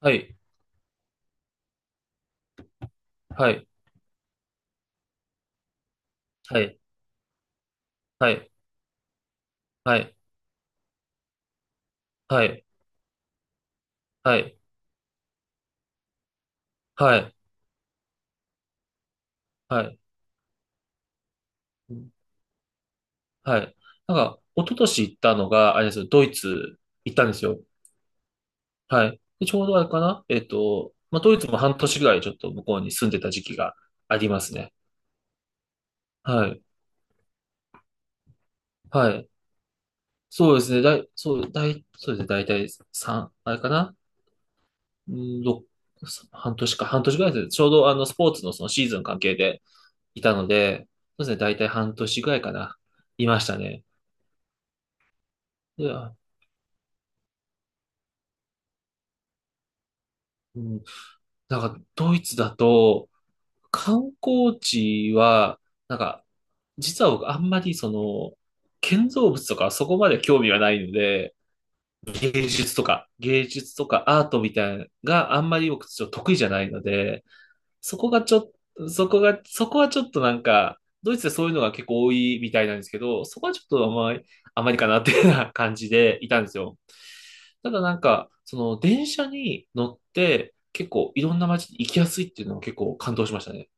はい、はい、はい、はい、はい、はい、はい、はい、はい、うん、はい。なんか、一昨年行ったのが、あれですよ、ドイツ行ったんですよ。はい。で、ちょうどあれかなまあ、ドイツも半年ぐらいちょっと向こうに住んでた時期がありますね。はい、はい。そうですね、だい、そう、だい、そうですね、だいたい3、あれかなうん、ろ半年ぐらいですね。ちょうどスポーツのそのシーズン関係でいたので、そうですね、だいたい半年ぐらいかな。いましたね。いや、うん、なんかドイツだと観光地は、なんか実は僕あんまりその建造物とかそこまで興味がないので、芸術とかアートみたいなのがあんまり僕ちょっと得意じゃないので、そこがちょっと、そこが、そこはちょっとなんか、ドイツでそういうのが結構多いみたいなんですけど、そこはちょっとあまり、あまりかなっていうような感じでいたんですよ。ただなんか、その電車に乗って結構いろんな街に行きやすいっていうのは結構感動しましたね。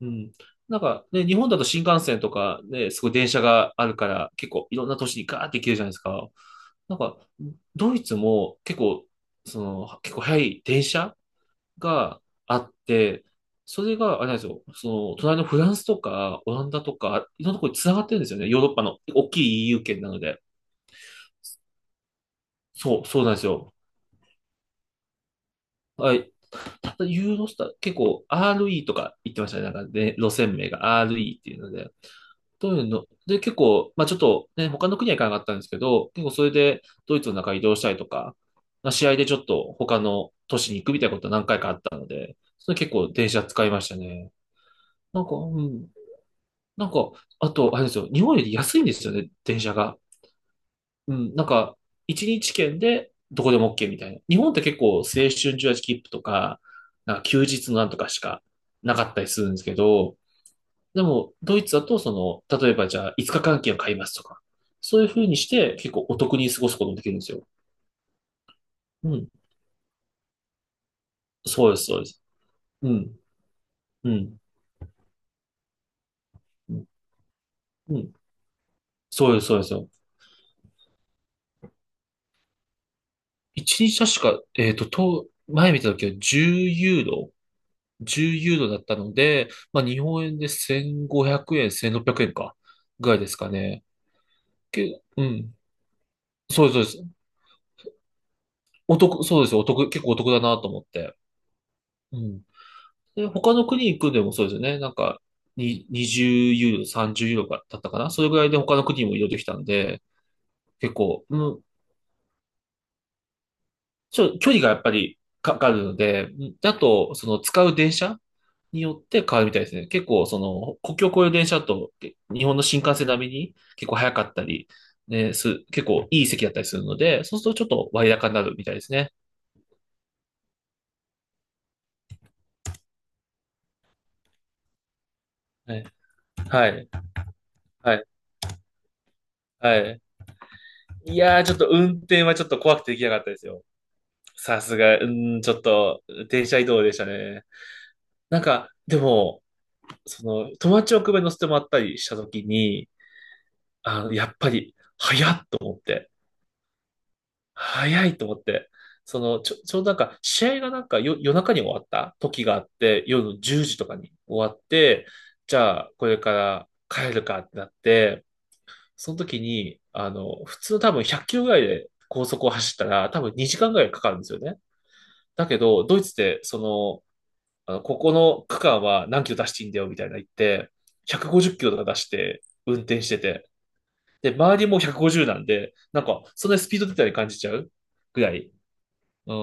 うん。なんかね、日本だと新幹線とかね、すごい電車があるから結構いろんな都市にガーって行けるじゃないですか。なんか、ドイツも結構早い電車があって、それが、あれなんですよ、その、隣のフランスとか、オランダとか、いろんなところに繋がってるんですよね。ヨーロッパの大きい EU 圏なので。そう、そうなんですよ。はい。ただ、ユーロスター、結構 RE とか言ってましたね。なんかね、路線名が RE っていうので。どういうので、結構、まあちょっとね、他の国は行かなかったんですけど、結構それでドイツの中移動したりとか、まあ、試合でちょっと他の都市に行くみたいなことは何回かあったので、それ結構電車使いましたね。なんか、うん。なんか、あと、あれですよ、日本より安いんですよね、電車が。うん、なんか、一日券でどこでも OK みたいな。日本って結構青春18切符とか、なんか休日のなんとかしかなかったりするんですけど、でも、ドイツだと、その、例えばじゃあ5日間券を買いますとか、そういう風にして結構お得に過ごすこともできるんですよ。うん、そうです、そうです。うん、うん、うん、うん、そうです、そうですよ。一日確か、前見た時は10ユーロ10ユーロだったので、まあ、日本円で1500円、1600円か、ぐらいですかね。うん。そうです、そうです。お得、そうですよ。お得、結構お得だなと思って。うん。で、他の国行くんでもそうですよね。なんか、20ユーロ、30ユーロだったかな。それぐらいで他の国も移動できたんで、結構、うん、距離がやっぱりかかるので、あと、その使う電車によって変わるみたいですね。結構、その、国境を越える電車だと、日本の新幹線並みに結構早かったり、ね、結構いい席だったりするので、そうするとちょっと割高になるみたいですね。はいはい。はい。はい。いやー、ちょっと運転はちょっと怖くてできなかったですよ。さすが、うん、ちょっと、電車移動でしたね。なんか、でも、その、友達を車に乗せてもらったりしたときに、やっぱり、早っと思って、早いと思って、その、ちょうどなんか、試合がなんか夜、夜中に終わった時があって、夜の10時とかに終わって、じゃあ、これから帰るかってなって、その時に、普通多分100キロぐらいで高速を走ったら、多分2時間ぐらいかかるんですよね。だけど、ドイツで、その、ここの区間は何キロ出していいんだよ、みたいな言って、150キロとか出して、運転してて、で、周りも150なんで、なんか、そんなにスピード出たり感じちゃうぐらい。う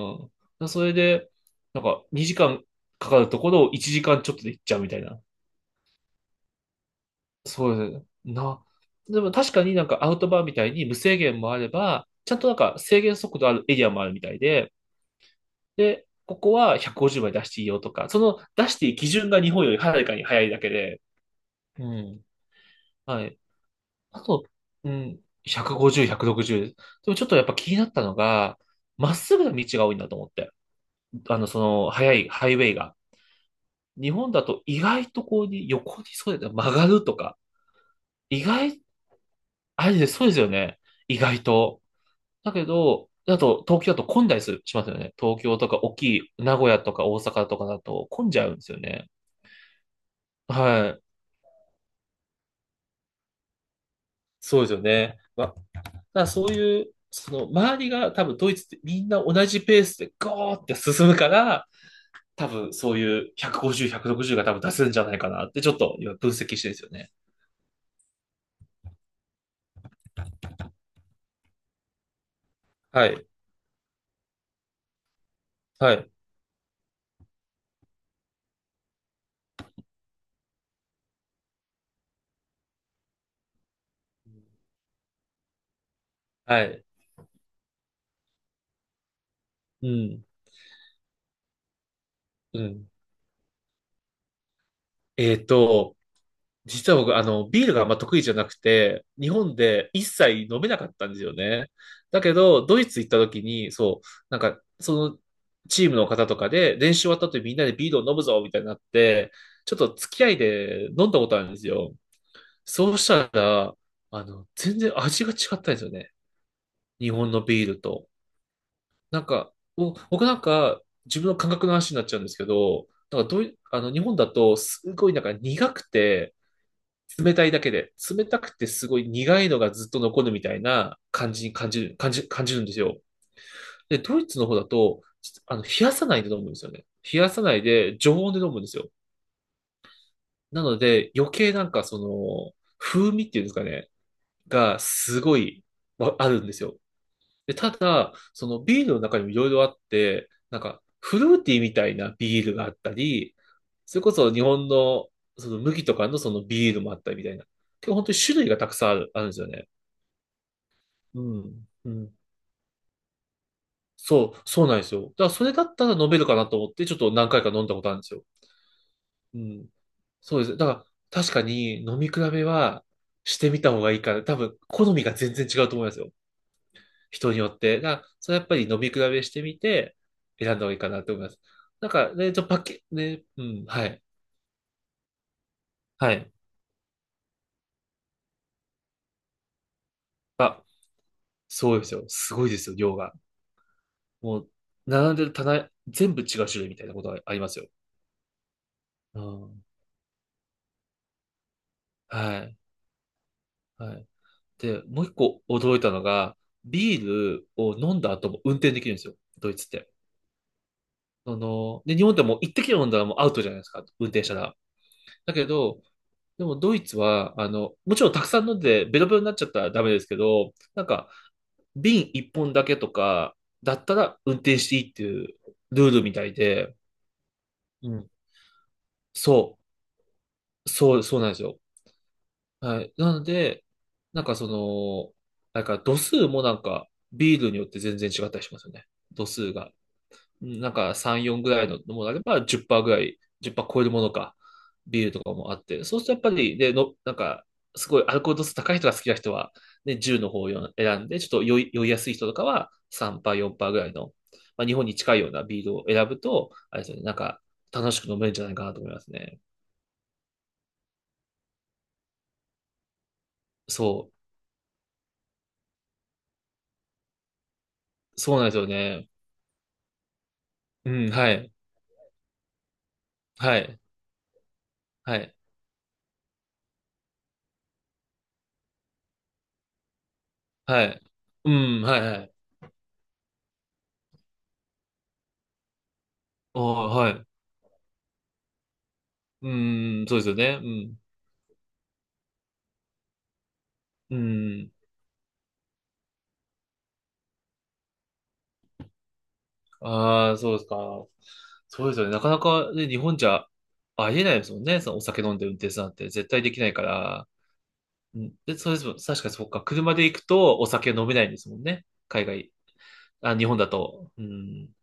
ん。それで、なんか、2時間かかるところを1時間ちょっとで行っちゃうみたいな。そうですねな。でも確かになんかアウトバーみたいに無制限もあれば、ちゃんとなんか制限速度あるエリアもあるみたいで、で、ここは150まで出していいよとか、その出していい基準が日本よりはるかに早いだけで、うん。はい。あと、うん、150、160。でもちょっとやっぱ気になったのが、まっすぐな道が多いんだと思って。その、速いハイウェイが。日本だと意外とこうに横にそうだよね曲がるとか。意外、あれでそうですよね。意外と。だけど東京だと混んだりする、しますよね。東京とか大きい名古屋とか大阪とかだと混んじゃうんですよね。はい。そうですよね。まあ、だからそういう、その周りが多分ドイツってみんな同じペースでゴーって進むから、多分そういう150、160が多分出せるんじゃないかなってちょっと今分析してるんですよね。はい。はい。はい。うん。うん。えっと、実は僕、ビールがあんま得意じゃなくて、日本で一切飲めなかったんですよね。だけど、ドイツ行った時に、そう、なんか、その、チームの方とかで、練習終わった後にみんなでビールを飲むぞ、みたいになって、ちょっと付き合いで飲んだことあるんですよ。そうしたら、全然味が違ったんですよね。日本のビールと。なんか、僕なんか、自分の感覚の話になっちゃうんですけど、なんかどういあの、日本だと、すごいなんか苦くて、冷たいだけで、冷たくてすごい苦いのがずっと残るみたいな感じに感じるんですよ。で、ドイツの方だと、冷やさないで飲むんですよね。冷やさないで、常温で飲むんですよ。なので、余計なんかその、風味っていうんですかね、がすごいあるんですよ。で、ただ、そのビールの中にもいろいろあって、なんかフルーティーみたいなビールがあったり、それこそ日本のその麦とかのそのビールもあったりみたいな。結構本当に種類がたくさんあるんですよね。うん。うん。そう、そうなんですよ。だからそれだったら飲めるかなと思って、ちょっと何回か飲んだことあるんですよ。うん。そうです。だから確かに飲み比べはしてみた方がいいから、多分好みが全然違うと思いますよ。人によって。だから、それやっぱり飲み比べしてみて、選んだ方がいいかなと思います。なんかね、ちょ、パッケ、ね、うん、はい。はい。あ、そうですよ。すごいですよ、量が。もう、並んでる棚、全部違う種類みたいなことがありますよ。うん。はい。はい。で、もう一個驚いたのが、ビールを飲んだ後も運転できるんですよ。ドイツって。で、日本でも一滴飲んだらもうアウトじゃないですか。運転したら。だけど、でもドイツは、もちろんたくさん飲んでベロベロになっちゃったらダメですけど、なんか瓶一本だけとかだったら運転していいっていうルールみたいで、うん。そう、そう、そうなんですよ。はい。なので、なんかその、なんか度数もなんかビールによって全然違ったりしますよね。度数が。なんか3、4ぐらいのものであれば10%ぐらい、10%超えるものか、ビールとかもあって、そうするとやっぱり、なんか、すごいアルコール度数高い人が好きな人は、ね、10の方を選んで、ちょっと酔いやすい人とかは3%、4%ぐらいの、まあ、日本に近いようなビールを選ぶと、あれですよね、なんか楽しく飲めるんじゃないかなと思いますね。そう、そうなんですよね。うん、はい、はい、はい、はい。うん、はい、はい。ああ、はい。うん、そうですよね。うん、うん。ああ、そうですか。そうですよね。なかなかね、日本じゃありえないですもんね。そのお酒飲んで運転するなんて絶対できないから。うんで、そうですもん。確かにそっか。車で行くとお酒飲めないんですもんね。海外。あ、日本だと。うん。だか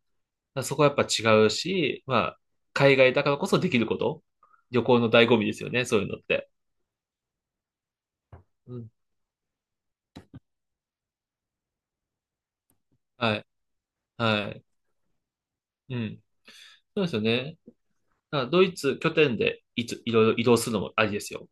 らそこはやっぱ違うし、まあ、海外だからこそできること。旅行の醍醐味ですよね。そういうのって。うん。はい。はい。うん。そうですよね。だからドイツ拠点でいろいろ移動するのもありですよ。